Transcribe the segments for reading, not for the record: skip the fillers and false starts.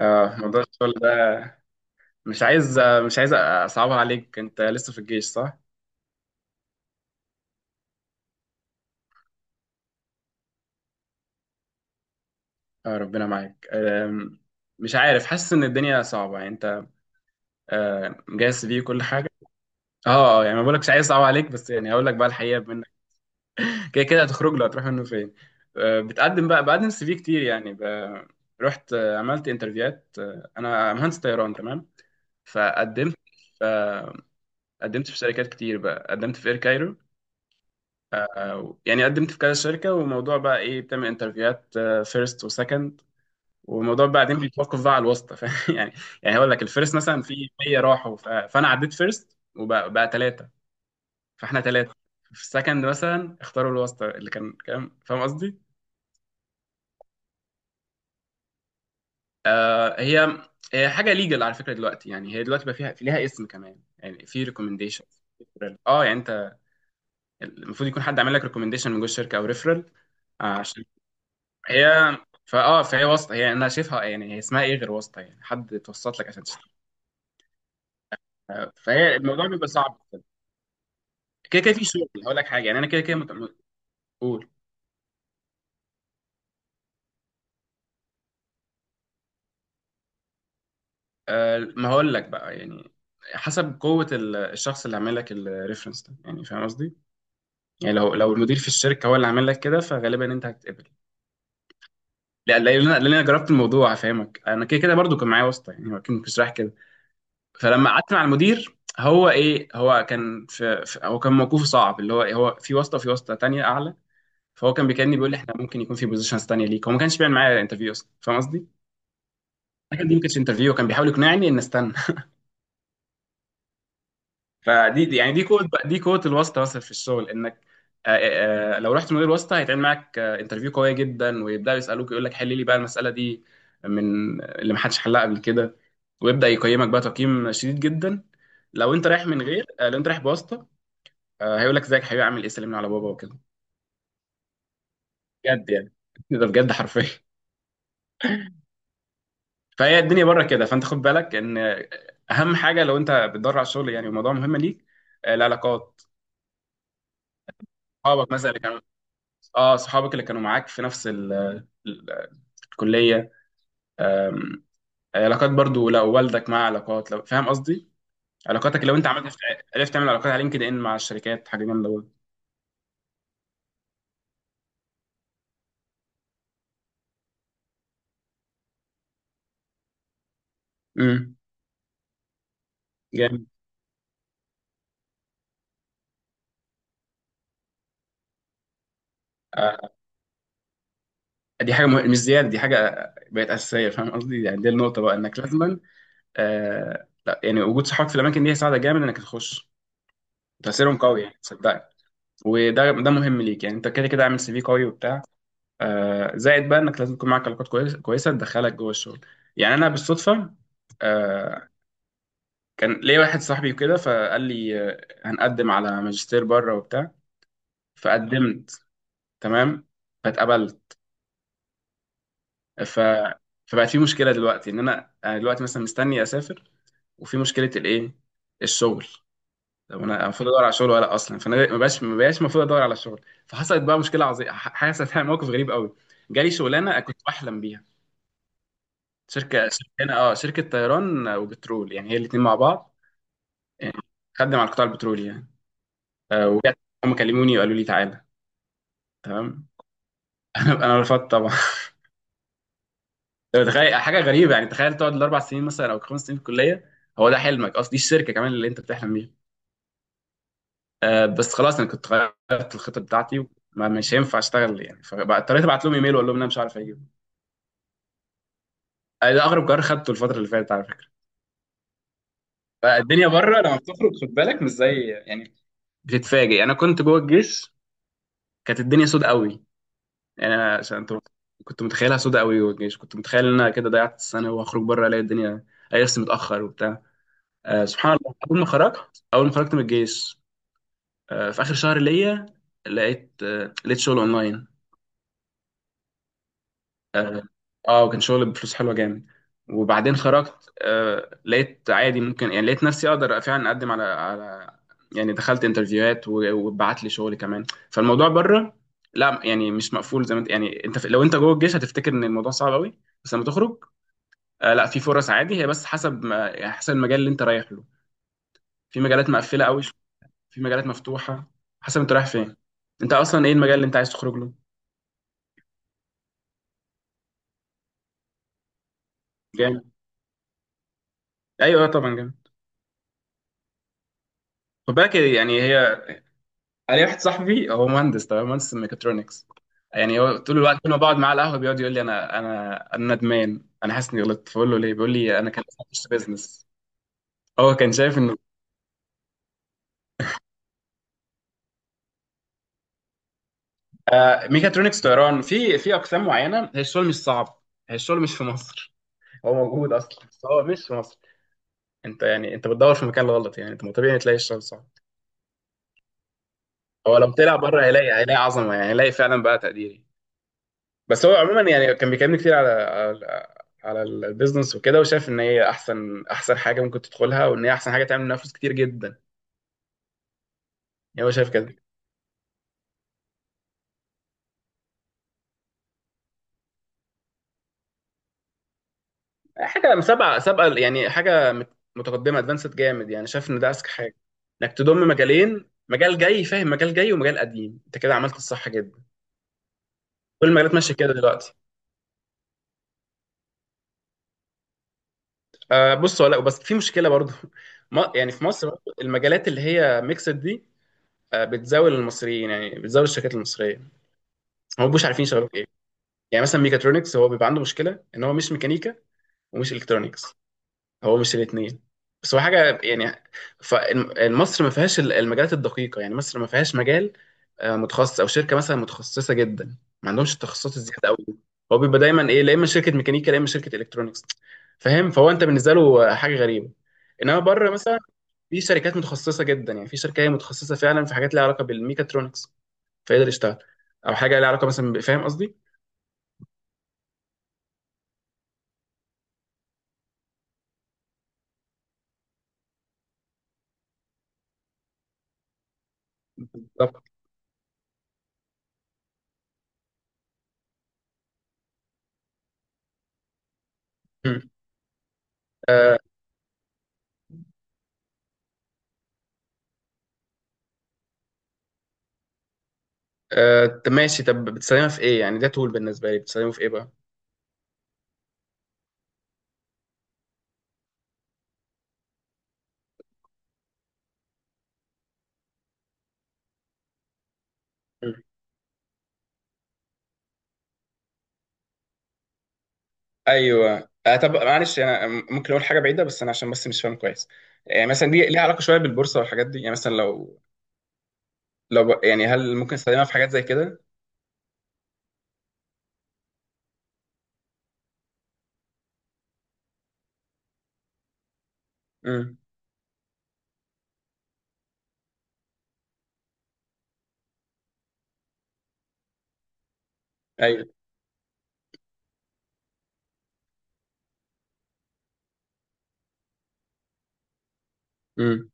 اه موضوع الشغل ده. مش عايز مش عايز اصعبها عليك، انت لسه في الجيش صح؟ اه ربنا معاك. مش عارف، حاسس ان الدنيا صعبة يعني انت مجهز بيه كل حاجة. اه. يعني ما بقولكش عايز اصعب عليك، بس يعني هقول لك بقى الحقيقة منك. كده كده هتخرج له، هتروح منه فين؟ بتقدم بقى، بقدم سي في كتير يعني رحت، عملت انترفيوهات، انا مهندس طيران تمام. فقدمت، آه، قدمت في شركات كتير بقى، قدمت في اير كايرو، يعني قدمت في كذا شركة. وموضوع بقى ايه، بتعمل انترفيوهات فيرست وسكند، وموضوع بعدين بيتوقف بقى على الواسطة فاهم، يعني. يعني هقول لك الفيرست مثلا في 100 راحوا، فانا عديت فيرست وبقى بقى ثلاثة. فاحنا ثلاثة. في السكند مثلا اختاروا الواسطة، اللي كان كام فاهم قصدي؟ آه هي هي حاجة ليجل على فكرة دلوقتي، يعني هي دلوقتي بقى فيها، في ليها اسم كمان يعني، في ريكومنديشن. اه يعني انت المفروض يكون حد عامل لك ريكومنديشن من جوه الشركة او ريفرال، عشان هي فهي واسطه، هي انا شايفها يعني، هي اسمها ايه غير واسطه؟ يعني حد توسط لك عشان تشتري. فهي الموضوع بيبقى صعب. كده كده في شغل، هقول لك حاجه، يعني انا كده كده قول. ما هقول لك بقى يعني، حسب قوه الشخص اللي عامل لك الريفرنس ده، يعني فاهم قصدي؟ يعني لو المدير في الشركه هو اللي عامل لك كده، فغالبا انت هتتقبل. لا لا، لان انا لأن أنا جربت الموضوع هفهمك، انا كده كده برضو كان معايا واسطه، يعني هو أكيد مش رايح كده. فلما قعدت مع المدير، هو كان في, في هو كان موقفه صعب، اللي هو إيه، هو في واسطه تانية اعلى. فهو كان بيكلمني بيقول لي احنا ممكن يكون في بوزيشنز تانية ليك، هو ما كانش بيعمل معايا انترفيو اصلا فاهم قصدي؟ لكن دي ما كانتش انترفيو، كان بيحاول يقنعني ان استنى. يعني دي كود الواسطه اصلا في الشغل، انك لو رحت مدير واسطه هيتعمل معاك انترفيو قويه جدا، ويبداوا يسالوك، يقول لك حل لي بقى المساله دي، من اللي ما حدش حلها قبل كده، ويبدا يقيمك بقى تقييم شديد جدا. لو انت رايح من غير لو انت رايح بواسطه، هيقول لك ازيك حبيبي، عامل ايه، سلمنا على بابا وكده، بجد يعني، ده بجد حرفيا. فهي الدنيا بره كده، فانت خد بالك ان اهم حاجه لو انت بتدور على الشغل، يعني الموضوع مهم ليك، العلاقات، صحابك مثلا اللي كانوا، اه صحابك اللي كانوا معاك في نفس ال- الكليه. آم، علاقات برضو، لو والدك مع علاقات، لو فاهم قصدي، علاقاتك، لو انت عملت، عرفت تعمل علاقات على لينكد ان مع الشركات، حاجه جامده برضه. امم. جامد. آه. مش زياده، دي حاجه بقت اساسيه فاهم قصدي، يعني دي النقطه بقى انك لازما. لا، يعني وجود صحابك في الاماكن دي هيساعدك جامد انك تخش، تاثيرهم قوي يعني صدقني. وده مهم ليك يعني، انت كده كده عامل سي في قوي وبتاع، زائد بقى انك لازم يكون معاك علاقات كويسه كويسه تدخلك جوه الشغل. يعني انا بالصدفه، آه، كان ليا واحد صاحبي وكده فقال لي، هنقدم على ماجستير بره وبتاع، فقدمت، تمام، فاتقبلت. ف فبقت في مشكله دلوقتي، ان انا دلوقتي مثلا مستني اسافر، وفي مشكله، الشغل. طب انا المفروض ادور على شغل ولا اصلا؟ فانا ما بقاش المفروض ادور على شغل. فحصلت بقى مشكله عظيمه، حصلت يعني موقف غريب قوي، جالي شغلانه كنت بحلم بيها. شركه، شركه طيران وبترول، يعني هي الاثنين مع بعض، يعني خدم على القطاع البترولي يعني. آه، وهم كلموني وقالوا لي تعالى، تمام. انا رفضت طبعا. طب تخيل حاجه غريبه، يعني تخيل تقعد الاربع سنين مثلا او خمس سنين في الكليه، هو ده حلمك، اصل دي الشركه كمان اللي انت بتحلم بيها. بس خلاص، انا كنت غيرت الخطه بتاعتي، مش هينفع اشتغل يعني، فاضطريت ابعت لهم ايميل واقول لهم إن انا مش عارف اجي. ده اغرب قرار خدته الفتره اللي فاتت على فكره. فالدنيا بره لما بتخرج، خد بالك مش زي، يعني بتتفاجئ. انا كنت جوه الجيش كانت الدنيا سود قوي، يعني انا عشان كنت متخيلها سود قوي. جوه الجيش كنت متخيل ان انا كده ضيعت السنه، وهخرج بره الاقي الدنيا لسه متاخر وبتاع. سبحان الله، اول ما خرجت من الجيش، في اخر شهر ليا، لقيت شغل اونلاين. اه. وكان شغل بفلوس حلوه جامد. وبعدين خرجت، لقيت عادي ممكن، يعني لقيت نفسي اقدر فعلا اقدم على يعني دخلت انترفيوهات واتبعت لي شغل كمان. فالموضوع بره، لا يعني مش مقفول زي ما انت، يعني انت لو انت جوه الجيش هتفتكر ان الموضوع صعب قوي، بس لما تخرج لا، في فرص عادي، هي بس حسب ما، يعني حسب المجال اللي انت رايح له. في مجالات مقفله قوي، في مجالات مفتوحه، حسب انت رايح فين. انت اصلا ايه المجال اللي انت عايز تخرج له؟ جامد. ايوه، طبعا جامد. خد بالك يعني، هي، انا واحد صاحبي هو مهندس تمام، مهندس ميكاترونكس، يعني هو طول الوقت كل ما بقعد معاه على القهوه بيقعد يقول لي انا انا ندمان، انا حاسس اني غلطت، فبقول له ليه، بيقول لي انا كان لازم اخش بيزنس. هو كان شايف انه ميكاترونكس طيران في اقسام معينه هي الشغل مش صعب، هي الشغل مش في مصر، هو موجود اصلا بس هو مش في مصر. انت يعني انت بتدور في المكان الغلط، يعني انت ما طبيعي تلاقي الشغل صعب. هو لو طلع بره هيلاقي عظمه، يعني هيلاقي فعلا بقى تقدير. بس هو عموما يعني كان بيكلمني كتير على على البيزنس وكده، وشايف ان هي احسن احسن حاجه ممكن تدخلها، وان هي احسن حاجه تعمل منها فلوس كتير جدا. يعني هو شايف كده، حاجه سابقه سابقه، يعني حاجه متقدمه ادفانسد جامد، يعني شايف ان ده اذكى حاجه، انك تضم مجالين، مجال جاي فاهم، مجال جاي ومجال قديم، انت كده عملت الصح جدا. كل المجالات ماشيه كده دلوقتي. بص ولا، بس في مشكله برضو. ما يعني في مصر برضو المجالات اللي هي ميكسد دي، بتزاول المصريين، يعني بتزاول الشركات المصريه، هم مش عارفين يشغلوك. يعني مثلا ميكاترونكس هو بيبقى عنده مشكله ان هو مش ميكانيكا ومش الكترونكس، هو مش الاثنين، بس هو حاجه يعني. فمصر ما فيهاش المجالات الدقيقه، يعني مصر ما فيهاش مجال متخصص، او شركه مثلا متخصصه جدا، ما عندهمش التخصصات الزياده قوي دي. هو بيبقى دايما ايه، لا اما شركه ميكانيكا لا اما شركه الكترونكس، فاهم، فهو انت بالنسبه له حاجه غريبه. انما بره مثلا في شركات متخصصه جدا، يعني في شركه هي متخصصه فعلا في حاجات لها علاقه بالميكاترونكس، فيقدر يشتغل، او حاجه لها علاقه مثلا فاهم قصدي. بالظبط. طب ماشي، طب بتستخدمها في ايه يعني، ده تول بالنسبه لي بتستخدمه في ايه بقى؟ مم. ايوه. طب معلش، انا ممكن اقول حاجه بعيده، بس انا عشان بس مش فاهم كويس. يعني مثلا دي ليها علاقه شويه بالبورصه والحاجات دي، يعني مثلا يعني هل ممكن استخدمها في حاجات زي كده؟ امم. ايوه. امم.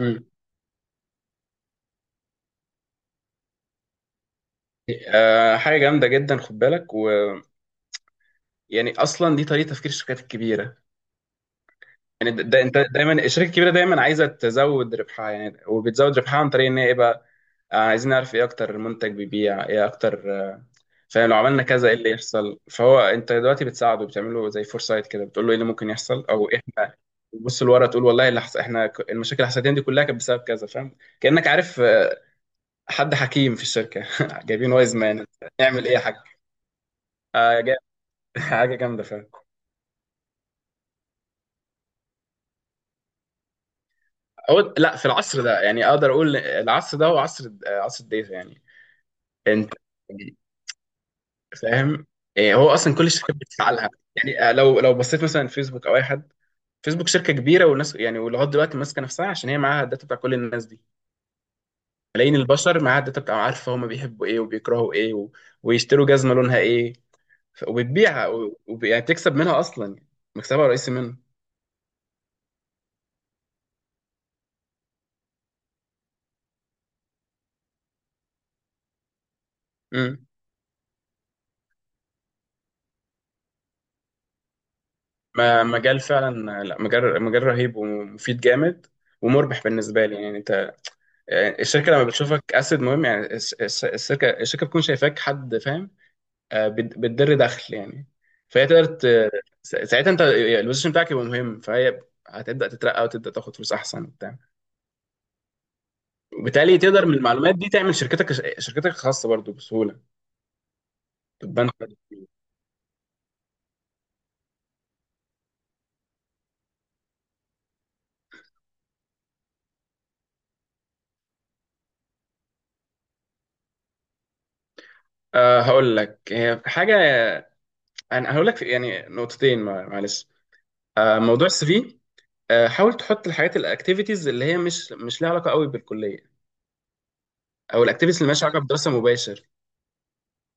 امم. حاجه جامده جدا، خد بالك، ويعني اصلا دي طريقه تفكير الشركات الكبيره، يعني انت دايما الشركه الكبيره دايما عايزه تزود ربحها يعني، وبتزود ربحها عن طريق ان هي ايه بقى، عايزين نعرف ايه اكتر منتج بيبيع ايه اكتر، فلو عملنا كذا ايه اللي يحصل. فهو انت دلوقتي بتساعده، بتعمله زي فورسايت كده، بتقول له ايه اللي ممكن يحصل، او احنا بتبص لورا تقول والله احنا المشاكل اللي حصلت دي كلها كانت بسبب كذا، فاهم، كأنك عارف حد حكيم في الشركة، جايبين وايز مان، نعمل ايه يا حاج. آه، جا- حاجة جامدة فاهم. أو لا، في العصر ده يعني اقدر اقول العصر ده هو عصر الداتا يعني. انت فاهم، هو اصلا كل الشركات بتسعى لها. يعني لو بصيت مثلا فيسبوك او اي حد، فيسبوك شركه كبيره، والناس يعني ولغايه دلوقتي ماسكه نفسها عشان هي معاها الداتا بتاع كل الناس دي، ملايين البشر معاها الداتا بتاع، عارفه هم بيحبوا ايه وبيكرهوا ايه ويشتروا جزمه لونها ايه. وبتبيعها يعني بتكسب منها اصلا يعني، مكسبها رئيسي منها. امم. ما مجال فعلا، لا مجال مجال رهيب ومفيد جامد ومربح بالنسبه لي يعني. انت، يعني الشركه لما بتشوفك اسد مهم، يعني الشركه بتكون شايفاك حد فاهم، بتدر دخل يعني، فهي تقدر ساعتها انت البوزيشن بتاعك يبقى مهم، فهي هتبدا تترقى وتبدا تاخد فلوس احسن وبتاع. وبالتالي تقدر من المعلومات دي تعمل شركتك الخاصه برضو بسهوله، تبان. هقول لك هي حاجه، انا هقول لك يعني نقطتين معلش. موضوع السي في، حاول تحط الحاجات الاكتيفيتيز اللي هي مش لها علاقه قوي بالكليه، او الاكتيفيتيز اللي مالهاش علاقه بدراسه مباشر.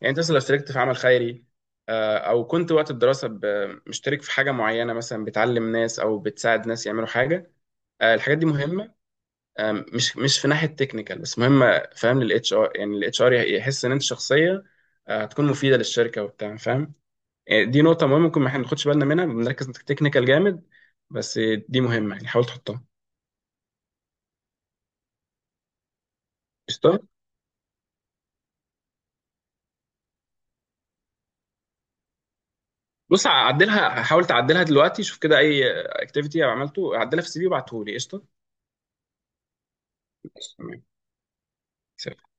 يعني انت مثلا لو اشتركت في عمل خيري، او كنت وقت الدراسه مشترك في حاجه معينه، مثلا بتعلم ناس او بتساعد ناس يعملوا حاجه. الحاجات دي مهمه، مش في ناحيه تكنيكال بس، مهمه فاهم للاتش ار، يعني الاتش ار يحس ان انت شخصيه هتكون مفيده للشركه وبتاع فاهم. يعني دي نقطه مهمه، ممكن ما احنا ناخدش بالنا منها، بنركز تكنيكال جامد، بس دي مهمه يعني، حاول تحطها. قشطة؟ بص عدلها، حاول تعدلها دلوقتي، شوف كده اي اكتيفيتي عملته عدلها في السي في وابعته لي قشطه. تمام.